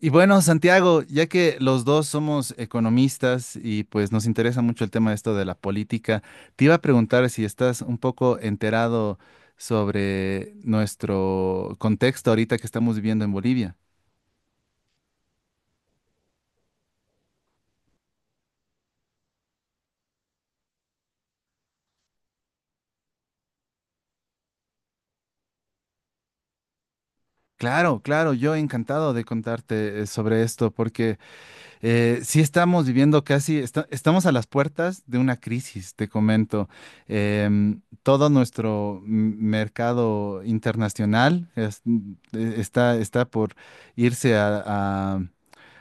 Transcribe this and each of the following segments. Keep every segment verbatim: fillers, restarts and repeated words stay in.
Y bueno, Santiago, ya que los dos somos economistas y pues nos interesa mucho el tema de esto de la política, te iba a preguntar si estás un poco enterado sobre nuestro contexto ahorita que estamos viviendo en Bolivia. Claro, claro, yo encantado de contarte eh, sobre esto porque Eh, sí estamos viviendo casi, esta- estamos a las puertas de una crisis, te comento. Em, todo nuestro m- mercado internacional es- eh, está, está por irse a, a-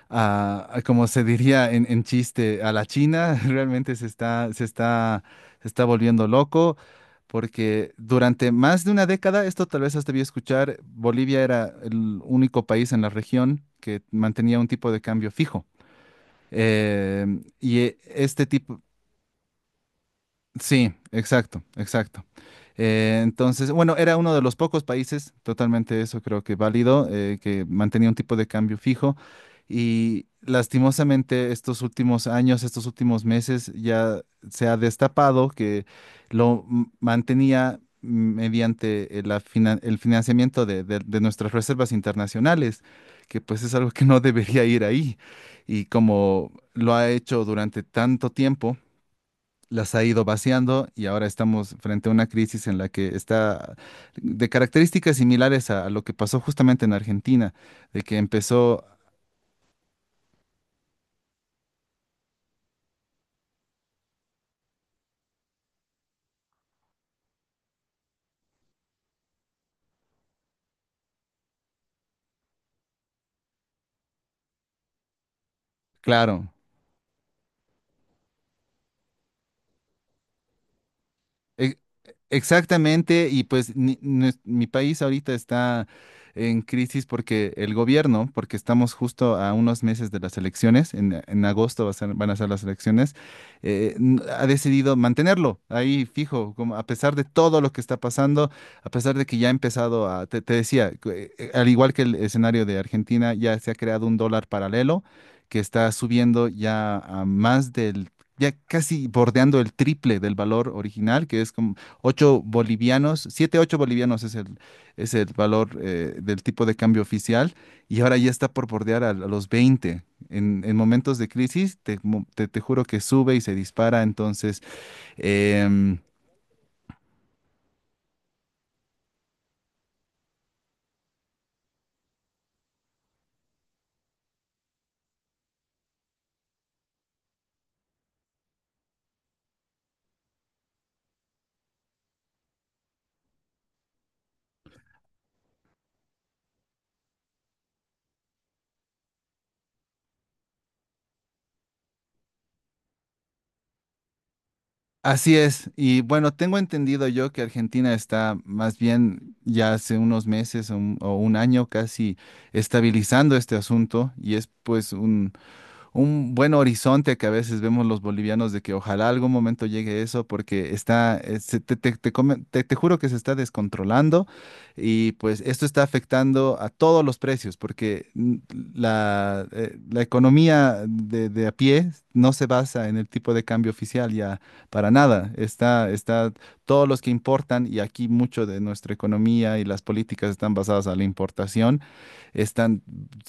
a- a, como se diría en, en chiste, a la China. Realmente se está, se está, se está volviendo loco. Porque durante más de una década, esto tal vez has debido escuchar, Bolivia era el único país en la región que mantenía un tipo de cambio fijo. Eh, y eh, este tipo, sí, exacto, exacto. Eh, entonces, bueno, era uno de los pocos países, totalmente eso creo que válido, eh, que mantenía un tipo de cambio fijo. Y lastimosamente estos últimos años, estos últimos meses, ya se ha destapado que lo m- mantenía mediante eh, la finan- el financiamiento de, de de nuestras reservas internacionales, que pues es algo que no debería ir ahí. Y como lo ha hecho durante tanto tiempo, las ha ido vaciando y ahora estamos frente a una crisis en la que está de características similares a, a lo que pasó justamente en Argentina, de que empezó, claro, E- exactamente, y pues ni- nues- mi país ahorita está en crisis porque el gobierno, porque estamos justo a unos meses de las elecciones, en, en agosto va a ser- van a ser las elecciones, eh, n- ha decidido mantenerlo ahí fijo, como a pesar de todo lo que está pasando, a pesar de que ya ha empezado a, te, te decía, que, eh, al igual que el escenario de Argentina, ya se ha creado un dólar paralelo que está subiendo ya a más del ya casi bordeando el triple del valor original, que es como ocho bolivianos, siete ocho bolivianos es el, es el valor eh, del tipo de cambio oficial, y ahora ya está por bordear a, a los veinte. En, en momentos de crisis, te, mo- te- te juro que sube y se dispara, entonces... em, así es, y bueno, tengo entendido yo que Argentina está más bien ya hace unos meses o un, o un año casi estabilizando este asunto y es pues un un buen horizonte que a veces vemos los bolivianos de que ojalá algún momento llegue eso porque está, eh, se- te, te- te come- te- te juro que se está descontrolando y pues esto está afectando a todos los precios porque mm, la, eh, la economía de, de a pie no se basa en el tipo de cambio oficial ya para nada. Está, está todos los que importan y aquí mucho de nuestra economía y las políticas están basadas a la importación están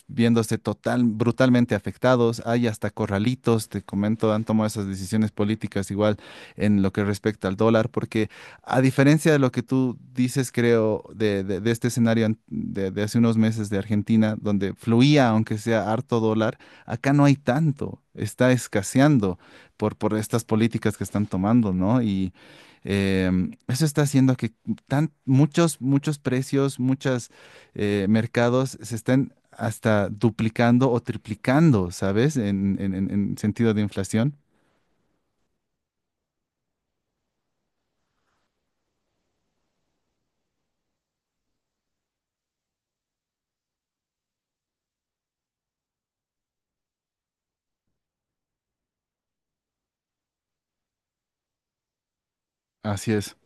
viéndose total, brutalmente afectados. Hay hasta corralitos, te comento, han tomado esas decisiones políticas igual en lo que respecta al dólar, porque a diferencia de lo que tú dices, creo, de, de- de este escenario an- de, de hace unos meses de Argentina, donde fluía, aunque sea harto dólar, acá no hay tanto, está escaseando por, por estas políticas que están tomando, ¿no? Y em, eso está haciendo que tan, muchos, muchos precios, muchas eh, mercados se están hasta duplicando o triplicando, ¿sabes? En, en, en- en sentido de inflación. Así es.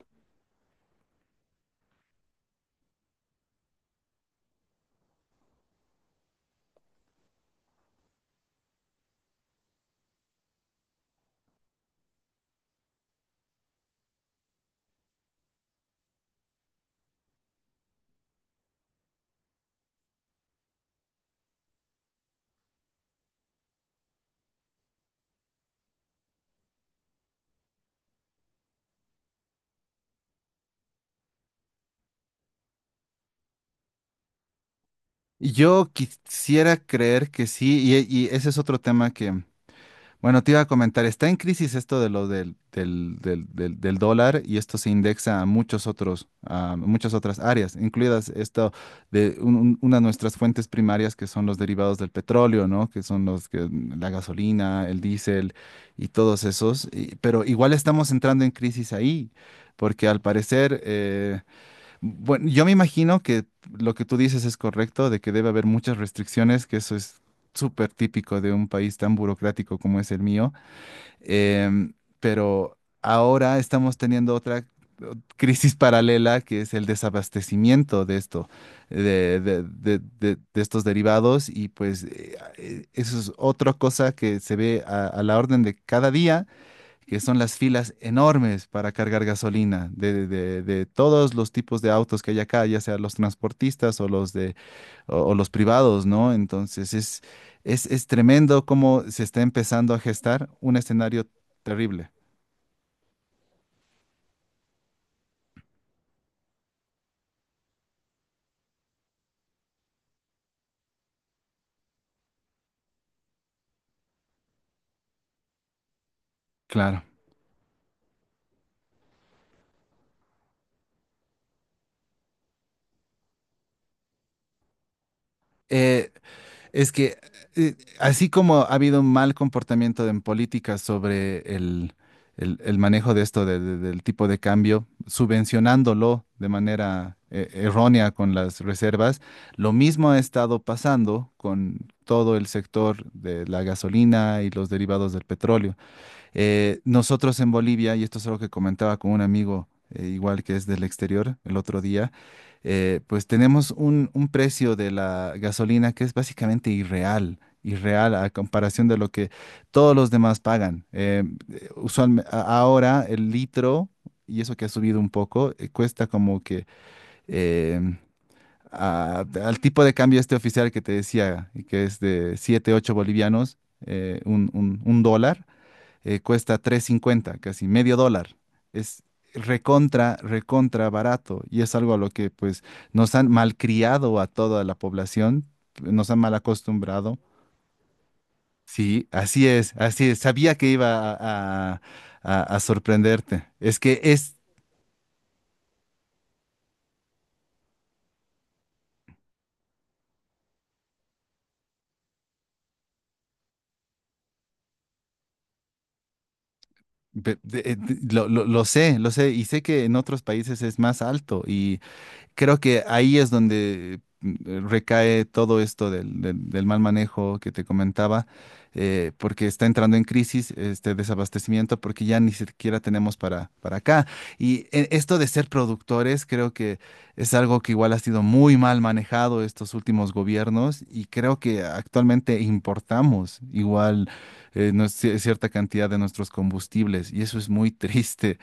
Y Yo quisiera creer que sí, y, y ese es otro tema que, bueno, te iba a comentar, está en crisis esto de lo del, del, del- del- del dólar y esto se indexa a muchos otros, a muchas otras áreas, incluidas esto de un- un- una de nuestras fuentes primarias que son los derivados del petróleo, ¿no? Que son los que la gasolina, el diésel y todos esos. y- pero igual estamos entrando en crisis ahí, porque al parecer eh, bueno, yo me imagino que lo que tú dices es correcto, de que debe haber muchas restricciones, que eso es súper típico de un país tan burocrático como es el mío. Em, pero ahora estamos teniendo otra eh, crisis paralela, que es el desabastecimiento de esto, de, de- de- de- de estos derivados. Y pues eh, eh, eso es otra cosa que se ve a a la orden de cada día que son las filas enormes para cargar gasolina de, de- de todos los tipos de autos que hay acá, ya sea los transportistas o los de, o, o los privados, ¿no? Entonces es, es, es tremendo cómo se está empezando a gestar un escenario terrible. Claro. Eh, es que eh, así como ha habido un mal comportamiento en política sobre el, el- el manejo de esto, de- de- del tipo de cambio, subvencionándolo de manera eh, errónea con las reservas, lo mismo ha estado pasando con todo el sector de la gasolina y los derivados del petróleo. Eh, nosotros en Bolivia, y esto es algo que comentaba con un amigo, eh, igual que es del exterior, el otro día, eh, pues tenemos un, un precio de la gasolina que es básicamente irreal, irreal a comparación de lo que todos los demás pagan. Eh, usualme- a- ahora el litro, y eso que ha subido un poco, eh, cuesta como que em, a- al tipo de cambio este oficial que te decía, que es de siete ocho bolivianos, eh, un un- un dólar eh, cuesta tres cincuenta casi medio dólar. Es recontra, recontra barato y es algo a lo que pues nos han malcriado a toda la población, nos han mal acostumbrado. Sí, así es, así es. Sabía que iba a, a- a- a sorprenderte. Es que es, ve- de- de- lo, lo- lo sé, lo sé y sé que en otros países es más alto y creo que ahí es donde mm, recae todo esto del, del- del mal manejo que te comentaba, eh, porque está entrando en crisis este desabastecimiento, porque ya ni siquiera tenemos para, para acá. Y eh, esto de ser productores, creo que es algo que igual ha sido muy mal manejado estos últimos gobiernos y creo que actualmente importamos igual eh, no- cier- cierta cantidad de nuestros combustibles y eso es muy triste.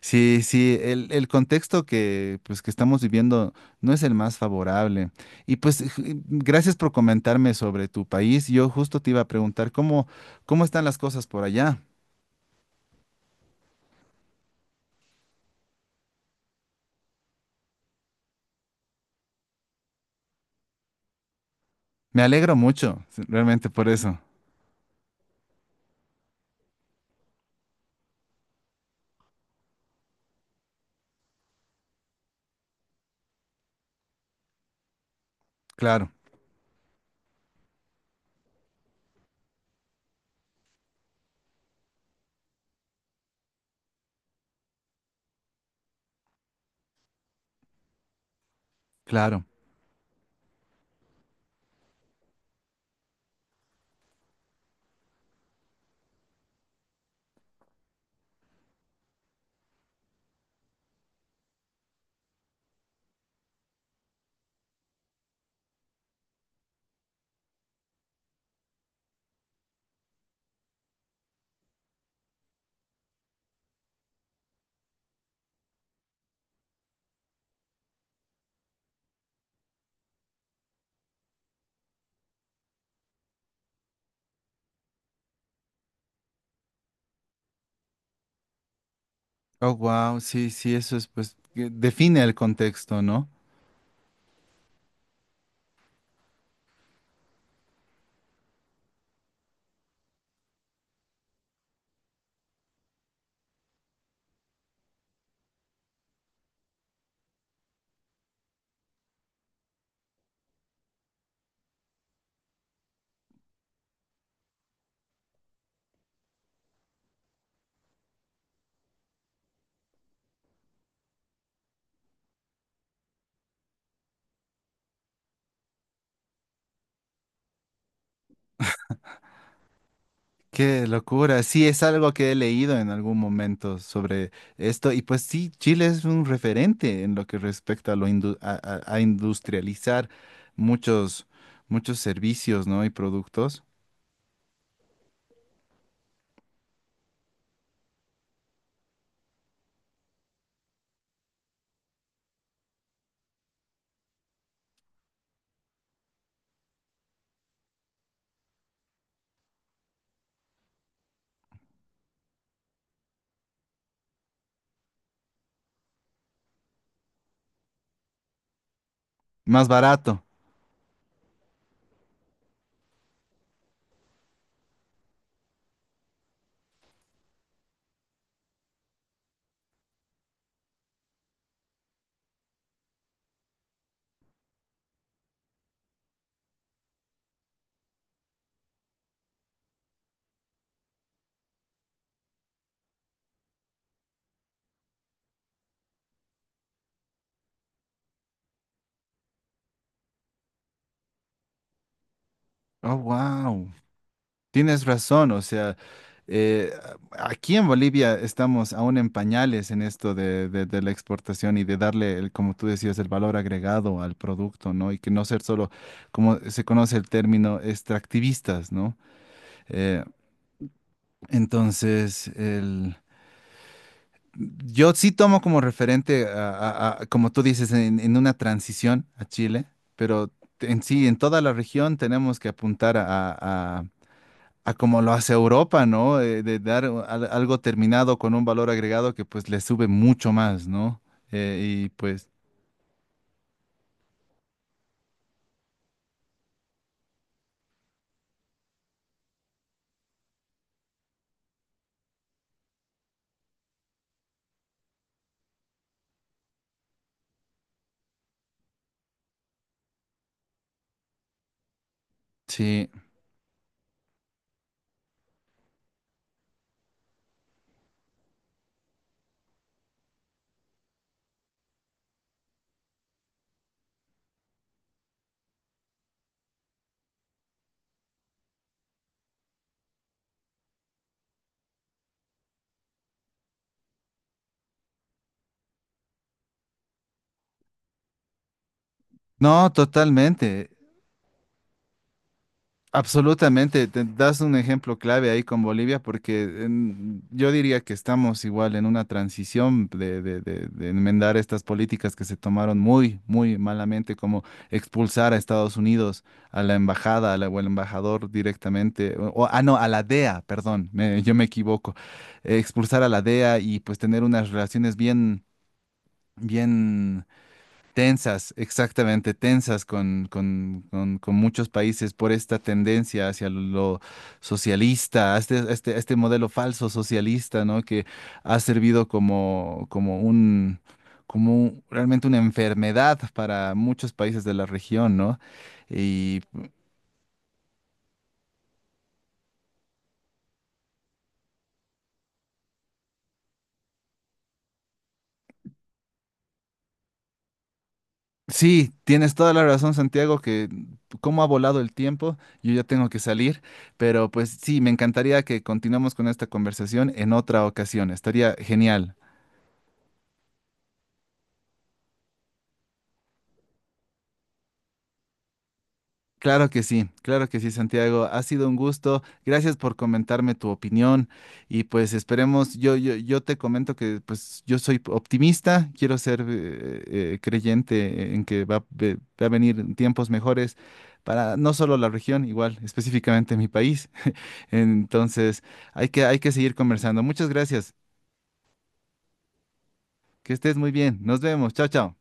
Sí, sí, el, el contexto que, pues, que estamos viviendo no es el más favorable. Y pues j- gracias por comentarme sobre tu país. Yo justo te iba a preguntar cómo, cómo están las cosas por allá. Me alegro mucho, s- realmente por eso. Claro, claro. Oh, wow, sí, sí, eso es, pues, que define el contexto, ¿no? Qué locura. Sí, es algo que he leído en algún momento sobre esto. Y pues sí, Chile es un referente en lo que respecta a lo indu- a, a- a industrializar muchos, muchos servicios, ¿no? Y productos más barato. Oh, wow. Tienes razón, o sea, eh, aquí en Bolivia estamos aún en pañales en esto de, de- de la exportación y de darle, el, como tú decías, el valor agregado al producto, ¿no? Y que no ser solo, como se conoce el término, extractivistas, ¿no? Eh, entonces, el... Yo sí tomo como referente, a- a- a- como tú dices, en, en una transición a Chile, pero en sí, en toda la región tenemos que apuntar a a como lo hace Europa, ¿no? Eh, de dar al- algo terminado con un valor agregado que pues le sube mucho más, ¿no? Eh, y pues sí, no, totalmente. Absolutamente, te das un ejemplo clave ahí con Bolivia porque en- yo diría que estamos igual en una transición de, de- de- de enmendar estas políticas que se tomaron muy, muy malamente, como expulsar a Estados Unidos, a la embajada, a la- o al embajador directamente, o, o- ah, no, a la D E A, perdón, me- yo me equivoco, eh, expulsar a la D E A y pues tener unas relaciones bien, bien... Tensas, exactamente, tensas con, con- con- con muchos países por esta tendencia hacia lo socialista, a este, a este, a este modelo falso socialista, ¿no? Que ha servido como, como un, como un- realmente una enfermedad para muchos países de la región, ¿no? Y sí, tienes toda la razón, Santiago, que cómo ha volado el tiempo, yo ya tengo que salir, pero pues sí, me encantaría que continuemos con esta conversación en otra ocasión, estaría genial. Claro que sí, claro que sí, Santiago. Ha sido un gusto. Gracias por comentarme tu opinión y pues esperemos, yo, yo, yo te comento que pues yo soy optimista, quiero ser eh, eh, creyente en que va, ve- va a venir tiempos mejores para no solo la región, igual específicamente mi país. Entonces hay que, hay que seguir conversando. Muchas gracias, que estés muy bien. Nos vemos. Chao, chao.